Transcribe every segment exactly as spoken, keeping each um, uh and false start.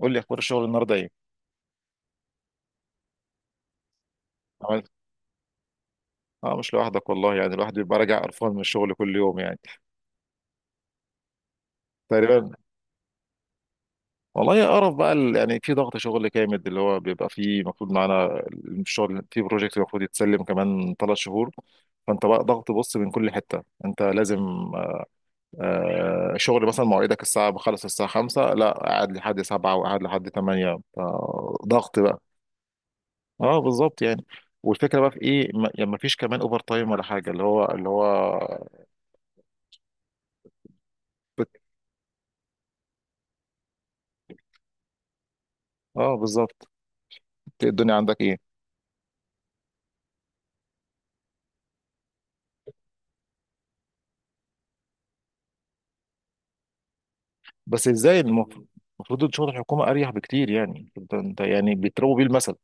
قول لي اخبار الشغل النهارده ايه؟ عملت؟ اه، مش لوحدك والله، يعني الواحد بيبقى راجع قرفان من الشغل كل يوم يعني. تقريبا. والله يا قرف بقى، ال- يعني في ضغط شغل جامد، اللي هو بيبقى فيه المفروض معانا الشغل في بروجكت المفروض يتسلم كمان ثلاث شهور. فانت بقى ضغط، بص، من كل حته انت لازم آه شغل، مثلا مواعيدك الساعه، بخلص الساعه خمسة لا قاعد لحد سبعة، وقاعد لحد تمنية. ضغط بقى. اه بالظبط يعني. والفكره بقى في ايه، ما يعني مفيش كمان اوفر تايم ولا حاجه، اللي هو اللي هو اه بالظبط. الدنيا عندك ايه؟ بس ازاي؟ المفروض، المفروض شغل الحكومه اريح بكتير يعني، انت انت يعني بيضربوا بيه المثل.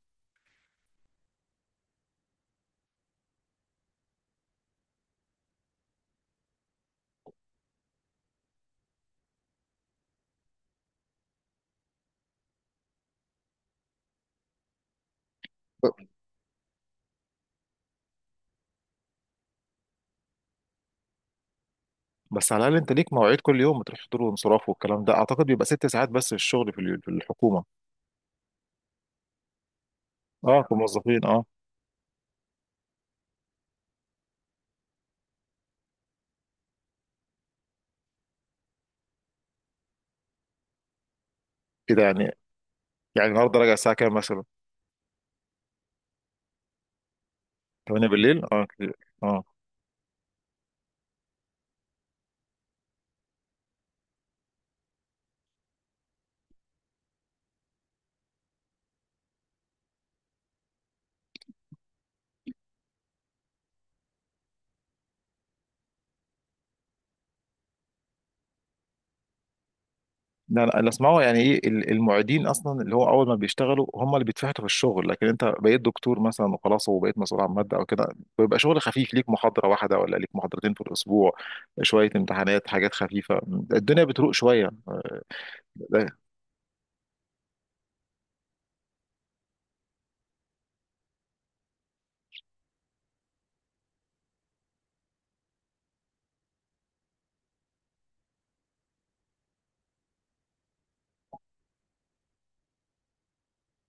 بس على الاقل انت ليك مواعيد، كل يوم بتروح حضور وانصراف والكلام ده، اعتقد بيبقى ست ساعات بس الشغل في اليو- في الحكومه. اه كموظفين اه. كده يعني. يعني النهارده راجع الساعه كام مثلا؟ تمنية بالليل، اه كده. اه. لا لا، اللي اسمعه يعني ايه ال- المعيدين اصلا، اللي هو اول ما بيشتغلوا هم اللي بيتفحتوا في الشغل، لكن انت بقيت دكتور مثلا وخلاص، وبقيت مسؤول عن ماده او كده، بيبقى شغل خفيف، ليك محاضره واحده ولا ليك محاضرتين في الاسبوع، شويه امتحانات، حاجات خفيفه، الدنيا بتروق شويه. لا.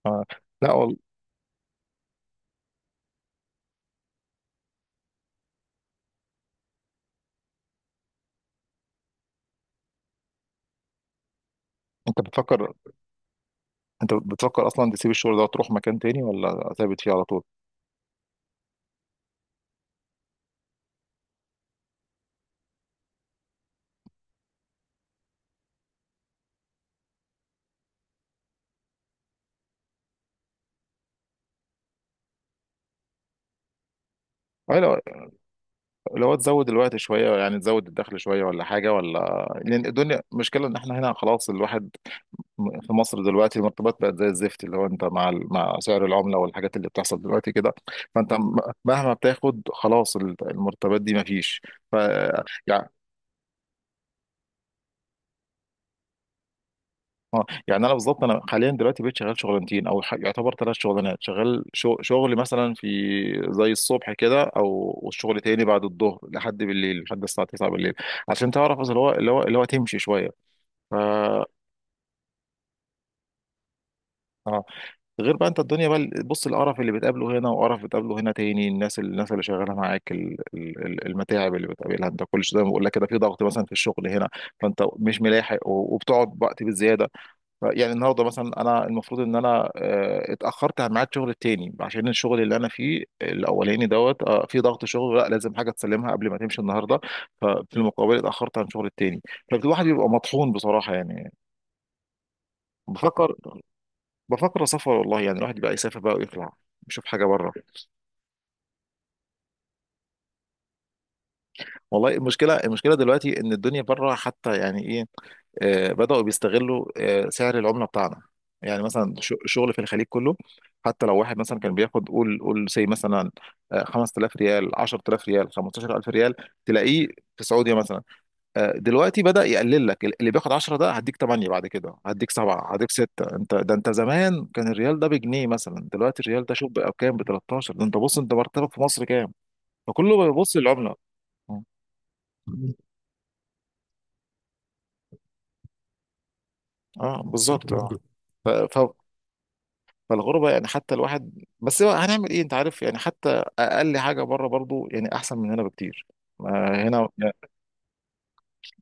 آه. لا والله. انت بتفكر، انت بتفكر اصلا تسيب الشغل ده وتروح مكان تاني، ولا ثابت فيه على طول؟ أي لو لو تزود الوقت شويه، يعني تزود الدخل شويه ولا حاجه؟ ولا، لان الدنيا مشكله، ان احنا هنا خلاص، الواحد في مصر دلوقتي المرتبات بقت زي الزفت، اللي هو انت مع ال- مع سعر العمله والحاجات اللي بتحصل دلوقتي كده، فانت م- مهما بتاخد خلاص ال- المرتبات دي مفيش. ف يعني، اه يعني انا بالظبط، انا حاليا دلوقتي بقيت شغال شغلانتين، او ح- يعتبر ثلاث شغلانات، شغال شغ- شغل مثلا في زي الصبح كده، او والشغل تاني بعد الظهر لحد بالليل، لحد الساعه تسعة بالليل، عشان تعرف اللي هو اللي هو اللي هو تمشي شويه. ف اه. غير بقى انت الدنيا بقى، بص، القرف اللي بتقابله هنا وقرف بتقابله هنا تاني، الناس الناس اللي شغاله معاك، ال- ال- ال- المتاعب اللي بتقابلها انت كل شويه، زي ما بقول لك كده، في ضغط مثلا في الشغل هنا، فانت مش ملاحق و- وبتقعد وقت بالزياده. ف- يعني النهارده مثلا انا المفروض ان انا آه، اتاخرت عن ميعاد شغل التاني، عشان الشغل اللي انا فيه الاولاني دوت آه، في ضغط شغل، لا لازم حاجه تسلمها قبل ما تمشي النهارده، ففي المقابل اتاخرت عن شغل التاني. فالواحد بيبقى مطحون بصراحه يعني. بفكر، بفكر اسافر والله، يعني الواحد يبقى يسافر بقى ويطلع يشوف حاجه بره. والله المشكله، المشكله دلوقتي ان الدنيا بره حتى، يعني ايه، آه بداوا بيستغلوا آه سعر العمله بتاعنا، يعني مثلا ش- شغل في الخليج كله، حتى لو واحد مثلا كان بياخد، قول قول سي مثلا آه خمس تلاف ريال، عشر تلاف ريال، خمسة عشر الف ريال، تلاقيه في السعوديه مثلا، آه، دلوقتي بدأ يقلل لك، اللي بياخد عشرة ده هديك تمنية، بعد كده هديك سبعة، هديك ستة، انت ده، انت زمان كان الريال ده بجنيه مثلا، دلوقتي الريال ده شوف بقى بكام، ب تلتاشر، ده انت بص، انت مرتبك في مصر كام؟ فكله بيبص للعملة. اه آه، بالظبط اه. ف... ف... فالغربة، يعني حتى الواحد، بس هو هنعمل ايه، انت عارف يعني، حتى اقل حاجة بره برضو يعني احسن من هنا بكتير، آه، هنا يعني.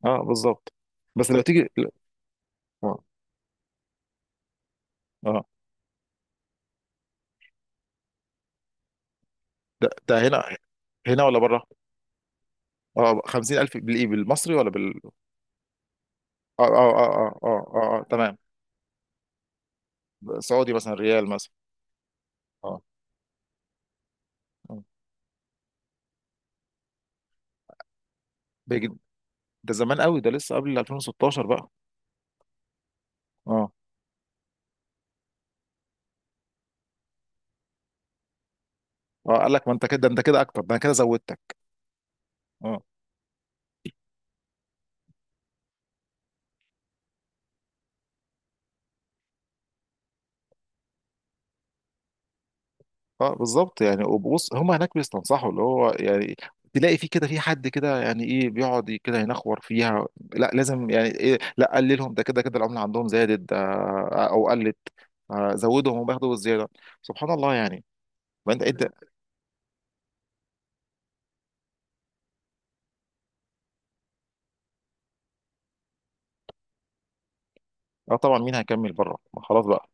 اه بالظبط. بس لو تيجي. اه آه. ده, ده هنا. هنا ولا بره؟ اه خمسين الف بالايه، بالمصري ولا بال؟ اه اه اه اه اه، آه، آه، آه، تمام. سعودي مثلا، ريال مثلا. اه آه. بيجي- ده زمان قوي، ده لسه قبل الفين وستاشر بقى. اه. اه قال لك ما انت كده، ده انت كده اكتر، ده انا كده زودتك. اه. اه بالظبط يعني. وبص، هم هناك بيستنصحوا اللي هو يعني، تلاقي في كده، في حد كده يعني ايه بيقعد كده ينخور فيها، لا لازم يعني ايه، لا قللهم، ده كده كده العمله عندهم زادت، ده او قلت آه زودهم وبياخدوا الزياده. سبحان الله يعني. ما انت، انت اه طبعا، مين هيكمل بره؟ ما خلاص بقى.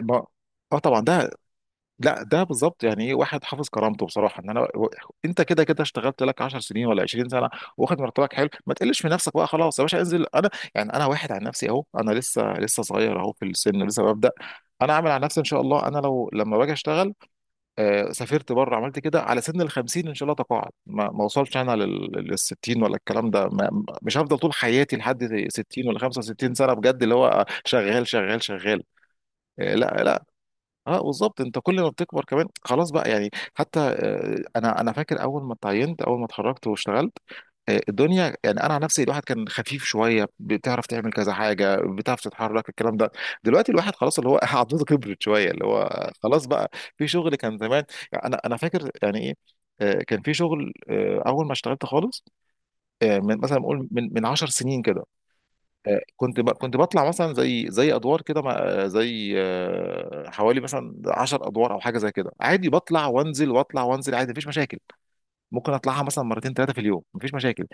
ما اه طبعا ده، لا ده بالظبط، يعني ايه واحد حافظ كرامته بصراحه، ان انا و... انت كده كده اشتغلت لك عشر سنين ولا عشرين سنه، واخد مرتبك حلو، ما تقلش في نفسك بقى، خلاص يا باشا انزل. انا يعني انا واحد عن نفسي، اهو انا لسه لسه صغير اهو في السن، لسه ببدا، انا عامل على نفسي ان شاء الله، انا لو لما باجي اشتغل آه، سافرت بره، عملت كده على سن ال خمسين، ان شاء الله تقاعد، ما, ما وصلش انا لل لل ستين، ولا الكلام ده، ما مش هفضل طول حياتي لحد ستين ولا خمسة وستين سنه بجد، اللي هو شغال شغال شغال. آه، لا لا. اه بالظبط، انت كل ما بتكبر كمان خلاص بقى يعني. حتى آه، انا انا فاكر، اول ما اتعينت اول ما اتخرجت واشتغلت، آه، الدنيا، يعني انا عن نفسي، الواحد كان خفيف شويه، بتعرف تعمل كذا حاجه، بتعرف تتحرك، الكلام ده، دلوقتي الواحد خلاص، اللي هو عضلته كبرت شويه، اللي هو خلاص بقى في شغل كان زمان. يعني انا انا فاكر يعني ايه، آه، كان في شغل، آه، اول ما اشتغلت خالص، آه، من مثلا اقول، من من عشر سنين كده، آه، كنت ب- كنت بطلع مثلا، زي زي ادوار كده، مع- آه، زي آه، حوالي مثلا عشر ادوار او حاجه زي كده، عادي، بطلع وانزل واطلع وانزل عادي، مفيش مشاكل، ممكن اطلعها مثلا مرتين ثلاثه في اليوم، مفيش مشاكل.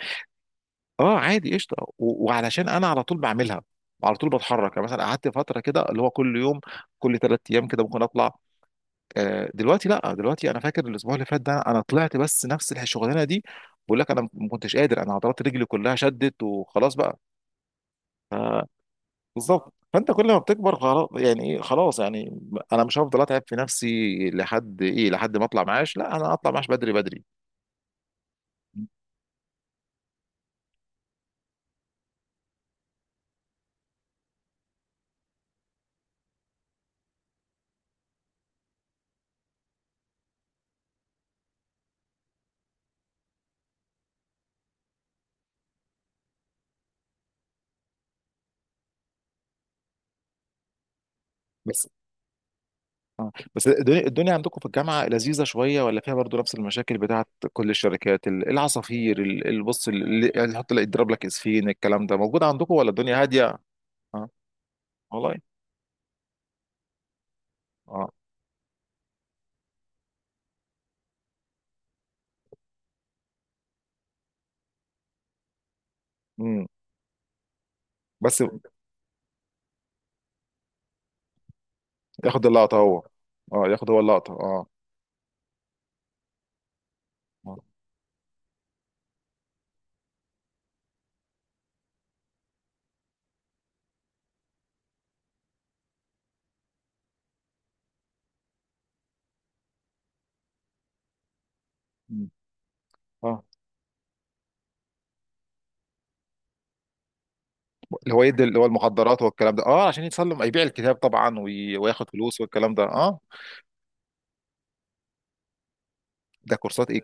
اه عادي قشطه، و- وعلشان انا على طول بعملها، على طول بتحرك، يعني مثلا قعدت فتره كده، اللي هو كل يوم، كل ثلاث ايام كده ممكن اطلع. آه، دلوقتي لا دلوقتي انا فاكر الاسبوع اللي فات ده، انا طلعت بس نفس الشغلانه دي، بقول لك انا ما كنتش قادر، انا عضلات رجلي كلها شدت وخلاص بقى. بالظبط، فانت كل ما بتكبر خلاص يعني ايه، خلاص يعني انا مش هفضل اتعب في نفسي لحد ايه، لحد ما اطلع معاش، لا انا اطلع معاش بدري بدري. بس اه، بس الدنيا الدنيا عندكم في الجامعة لذيذة شوية، ولا فيها برضو نفس المشاكل بتاعت كل الشركات، ال- العصافير ال- البص اللي يعني يحط لك يضرب لك اسفين، الكلام ده موجود عندكم ولا الدنيا هادية؟ اه. والله. اه. امم. بس ياخد اللقطة هو؟ اه ياخد هو اللقطة اه. اه مم. اه اللي هو يدي اللي هو المخدرات والكلام ده، اه عشان يتسلم يبيع الكتاب طبعا وي- وياخد فلوس والكلام ده اه. ده كورسات ايه؟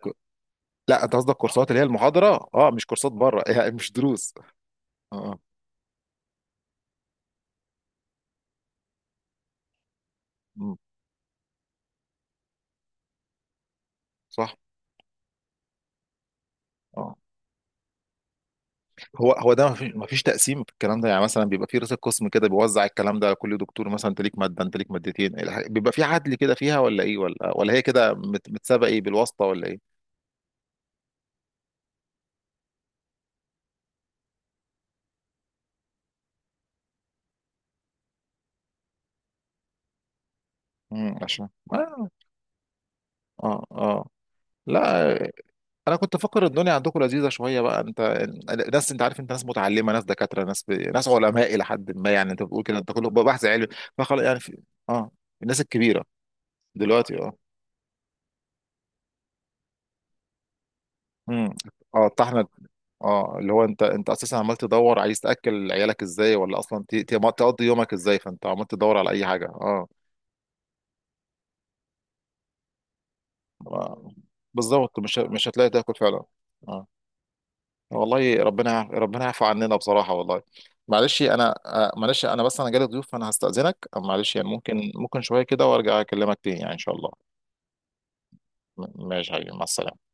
لا انت قصدك كورسات اللي هي المحاضرة، اه، مش كورسات بره يعني مش دروس. اه آه، مم. صح. اه هو هو ده ما فيش ما فيش تقسيم في الكلام ده، يعني مثلا بيبقى في رئيس القسم كده، بيوزع الكلام ده على كل دكتور، مثلا انت ليك ماده، انت ليك مادتين، الح- بيبقى في عدل كده فيها ولا ايه، ولا ولا هي كده مت- متسابقه، ايه، بالواسطه ولا ايه؟ امم عشان اه. اه اه لا. انا كنت فاكر الدنيا عندكم لذيذه شويه بقى انت، ناس انت عارف، انت ناس متعلمه، ناس دكاتره، ناس ب... ناس علماء الى حد ما يعني، انت بتقول كده انت كله بحث علمي، فخلاص يعني في... اه الناس الكبيره. دلوقتي آه. امم. اه الطحنه. اه اللي هو انت انت اساسا عمال تدور، عايز تاكل عيالك ازاي، ولا اصلا ت- ت- تقضي يومك ازاي، فانت عمال تدور على اي حاجه اه. آه، بالظبط، مش ه- مش هتلاقي تاكل فعلا. اه. والله ربنا يعف- ربنا يعفو عننا بصراحه والله. معلش انا آه، معلش انا، بس انا جالي ضيوف فانا هستاذنك، معلش يعني، ممكن ممكن شويه كده وارجع اكلمك تاني يعني ان شاء الله. م- ماشي يا حبيبي، مع السلامه.